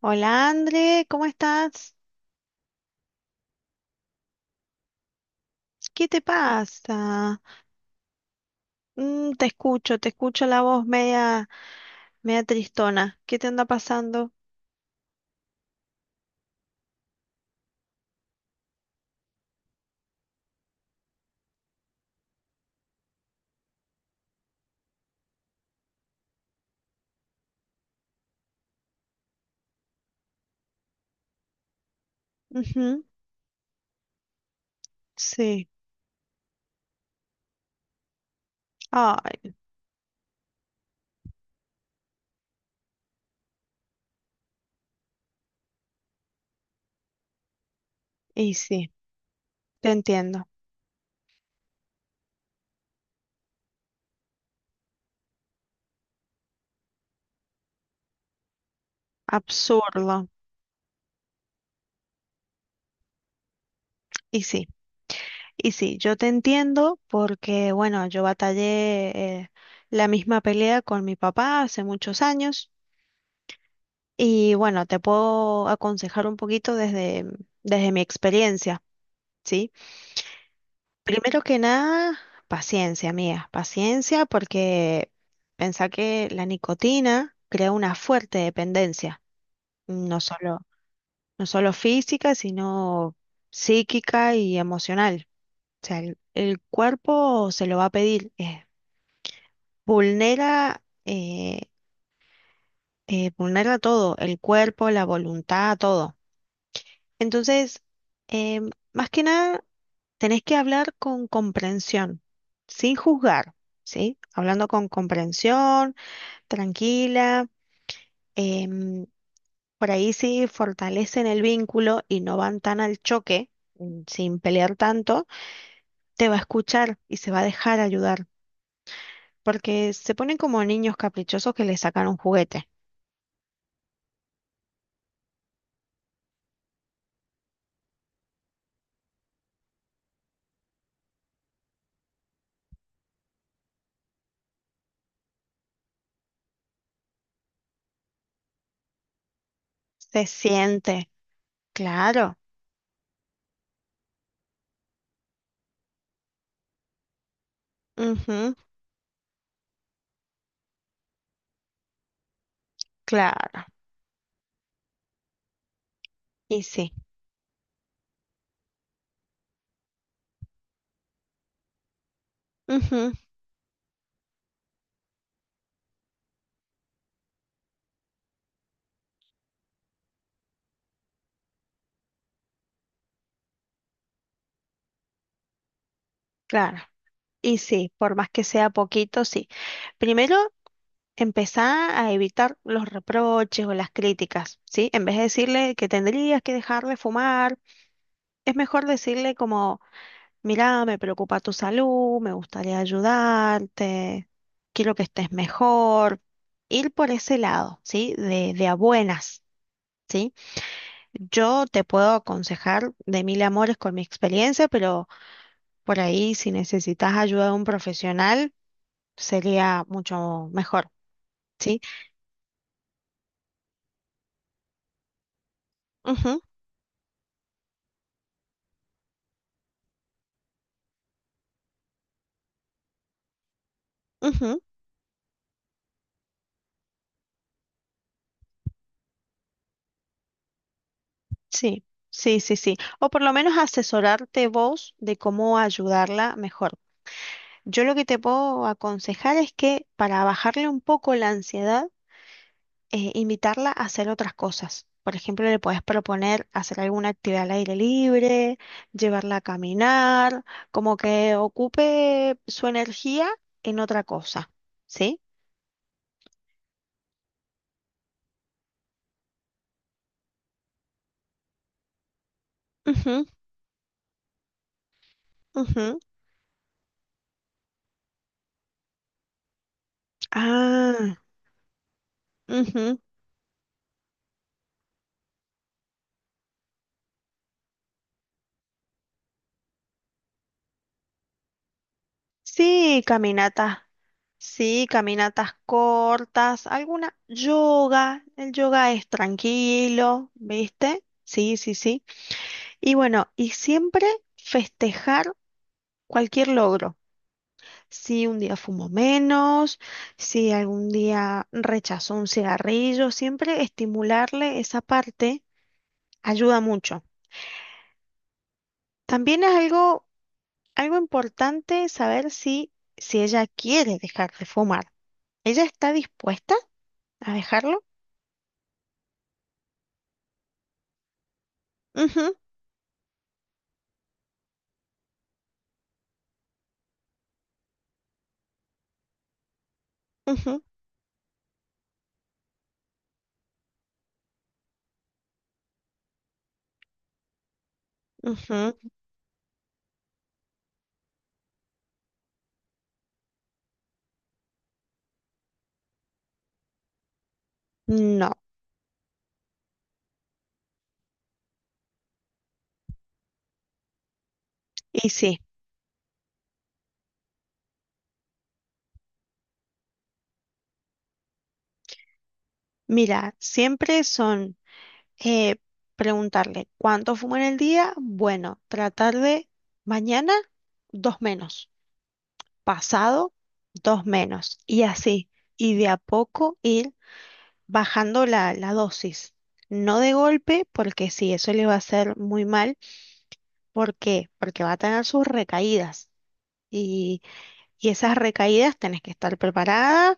Hola André, ¿cómo estás? ¿Qué te pasa? Mm, te escucho la voz media, media tristona. ¿Qué te anda pasando? Ujú, sí. Ay, y sí, te entiendo. Absurdo. Y sí, y sí, yo te entiendo porque, bueno, yo batallé la misma pelea con mi papá hace muchos años y, bueno, te puedo aconsejar un poquito desde, desde mi experiencia, ¿sí? Primero que nada, paciencia, amiga, paciencia porque pensá que la nicotina crea una fuerte dependencia, no solo, no solo física, sino psíquica y emocional. O sea, el cuerpo se lo va a pedir, vulnera, vulnera todo, el cuerpo, la voluntad, todo. Entonces, más que nada tenés que hablar con comprensión, sin juzgar, ¿sí? Hablando con comprensión, tranquila. em, por ahí sí fortalecen el vínculo y no van tan al choque, mm, sin pelear tanto, te va a escuchar y se va a dejar ayudar, porque se ponen como niños caprichosos que le sacan un juguete. Se siente, claro, ujú, claro, y sí, ujú, claro, y sí, por más que sea poquito, sí. Primero empezá a evitar los reproches o las críticas, ¿sí? En vez de decirle que tendrías que dejar de fumar, es mejor decirle como, mirá, me preocupa tu salud, me gustaría ayudarte, quiero que estés mejor. Ir por ese lado, ¿sí? De a buenas, ¿sí? Yo te puedo aconsejar de mil amores con mi experiencia, pero por ahí si necesitas ayuda de un profesional, sería mucho mejor, ¿sí? Ujú, ujú. Sí, sí, sí, sí. O por lo menos asesorarte vos de cómo ayudarla mejor. Yo lo que te puedo aconsejar es que para bajarle un poco la ansiedad, invitarla a hacer otras cosas. Por ejemplo, le puedes proponer hacer alguna actividad al aire libre, llevarla a caminar, como que ocupe su energía en otra cosa. ¿Sí? Ujú, ujú. Ah, ujú. Sí, caminata. Sí, caminatas cortas, alguna yoga, el yoga es tranquilo, ¿viste? Sí, sí, sí. Y bueno, y siempre festejar cualquier logro. Si un día fumo menos, si algún día rechazo un cigarrillo, siempre estimularle esa parte ayuda mucho. También es algo, algo importante saber si, si ella quiere dejar de fumar. ¿Ella está dispuesta a dejarlo? Ujú, ujú. Ujú, no, y sí, mira, siempre son eh, preguntarle cuánto fumo en el día, bueno, tratar de mañana dos menos, pasado dos menos, y así, y de a poco ir bajando la, la dosis. No de golpe, porque sí, eso le va a hacer muy mal. ¿Por qué? Porque va a tener sus recaídas. Y esas recaídas tenés que estar preparada,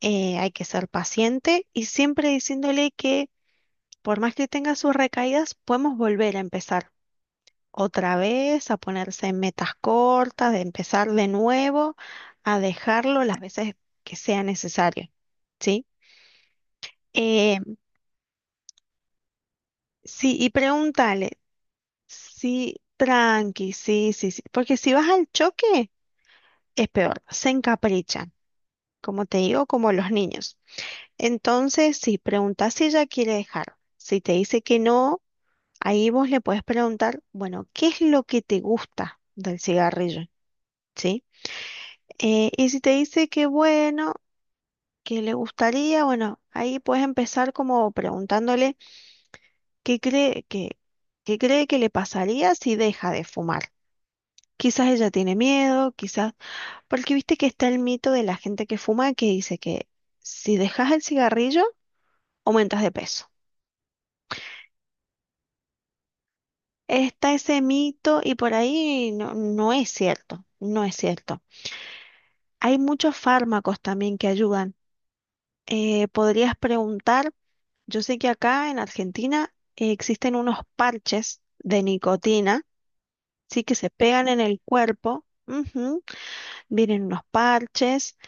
hay que ser paciente y siempre diciéndole que por más que tenga sus recaídas, podemos volver a empezar otra vez, a ponerse metas cortas, de empezar de nuevo, a dejarlo las veces que sea necesario, ¿sí? Eh, sí, y pregúntale, sí, tranqui, sí, sí, sí, porque si vas al choque es peor, se encaprichan, como te digo, como los niños. Entonces, si preguntas si ella quiere dejar, si te dice que no, ahí vos le puedes preguntar, bueno, ¿qué es lo que te gusta del cigarrillo? ¿Sí? Y si te dice que bueno, que le gustaría, bueno, ahí puedes empezar como preguntándole qué cree que, qué cree que le pasaría si deja de fumar. Quizás ella tiene miedo, quizás, porque viste que está el mito de la gente que fuma que dice que si dejas el cigarrillo, aumentas de peso. Está ese mito y por ahí no, no es cierto, no es cierto. Hay muchos fármacos también que ayudan. Podrías preguntar, yo sé que acá en Argentina existen unos parches de nicotina, sí que se pegan en el cuerpo. Ujú, vienen unos parches,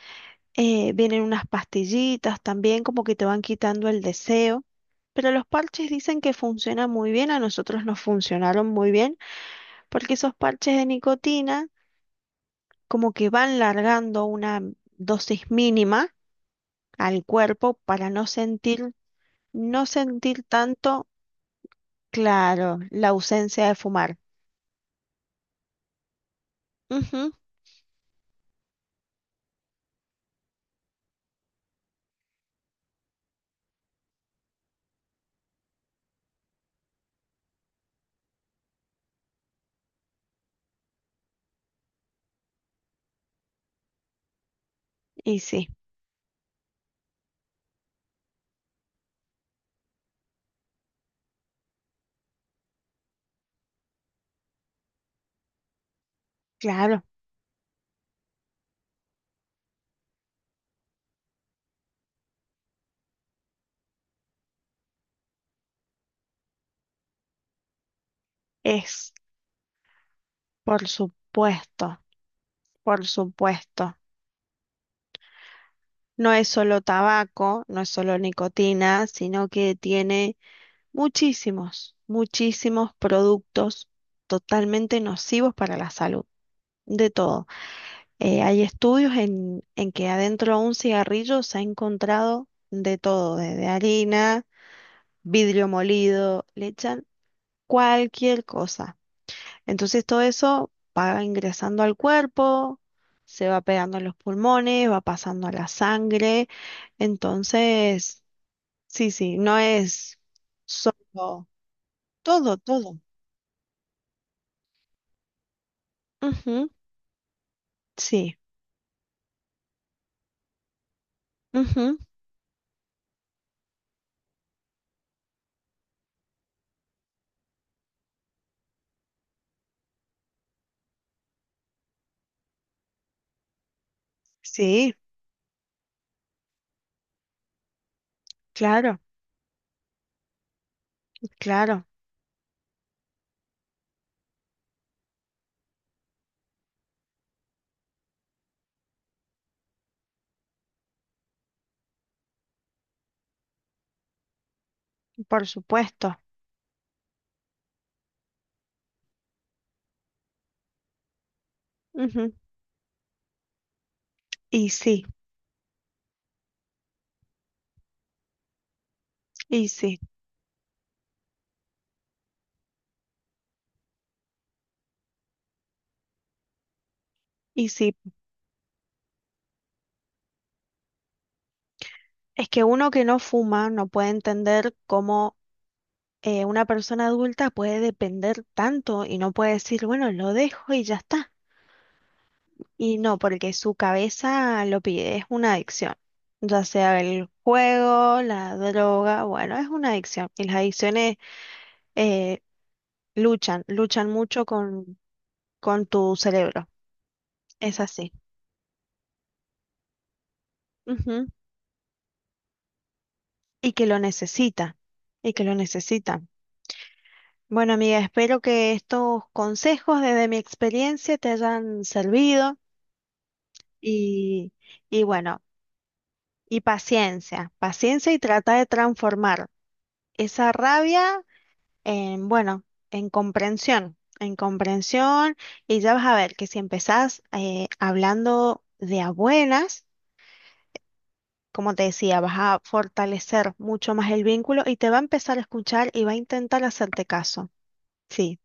vienen unas pastillitas también como que te van quitando el deseo. Pero los parches dicen que funcionan muy bien, a nosotros nos funcionaron muy bien porque esos parches de nicotina como que van largando una dosis mínima al cuerpo para no sentir, no sentir tanto, claro, la ausencia de fumar. Ujú, y sí, claro, es, por supuesto, por supuesto. No es solo tabaco, no es solo nicotina, sino que tiene muchísimos, muchísimos productos totalmente nocivos para la salud, de todo. Hay estudios en que adentro de un cigarrillo se ha encontrado de todo, desde harina, vidrio molido, le echan cualquier cosa. Entonces todo eso va ingresando al cuerpo, se va pegando en los pulmones, va pasando a la sangre. Entonces, sí, sí, no es solo todo, todo. Ujú, sí, ujú, sí, claro, claro, por supuesto. Ujú, y sí. Y sí, y sí, es que uno que no fuma no puede entender cómo una persona adulta puede depender tanto y no puede decir, bueno, lo dejo y ya está. Y no, porque su cabeza lo pide, es una adicción. Ya sea el juego, la droga, bueno, es una adicción. Y las adicciones eh, luchan, luchan mucho con tu cerebro. Es así. Ujú. Y que lo necesita, y que lo necesita. Bueno, amiga, espero que estos consejos desde mi experiencia te hayan servido y, y bueno, y paciencia, paciencia y trata de transformar esa rabia en, bueno, en comprensión y ya vas a ver que si empezás hablando de a buenas, como te decía, vas a fortalecer mucho más el vínculo y te va a empezar a escuchar y va a intentar hacerte caso. Sí,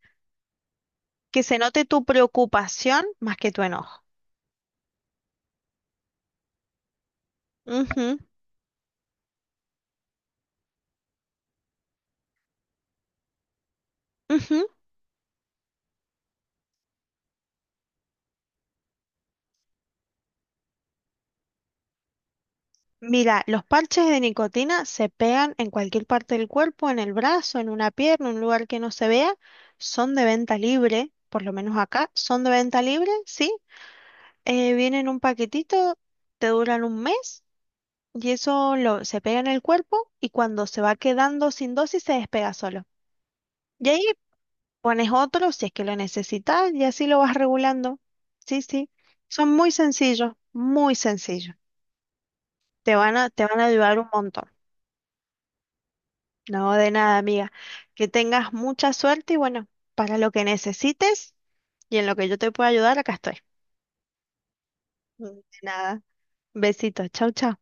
que se note tu preocupación más que tu enojo. Ujú, ujú. Mira, los parches de nicotina se pegan en cualquier parte del cuerpo, en el brazo, en una pierna, un lugar que no se vea. Son de venta libre, por lo menos acá, son de venta libre, sí. Vienen en un paquetito, te duran un mes y eso lo, se pega en el cuerpo y cuando se va quedando sin dosis se despega solo. Y ahí pones otro si es que lo necesitas y así lo vas regulando. Sí, sí. Son muy sencillos, muy sencillos. Te van a ayudar un montón. No, de nada, amiga. Que tengas mucha suerte y bueno, para lo que necesites y en lo que yo te pueda ayudar, acá estoy. De nada. Besitos. Chau, chau.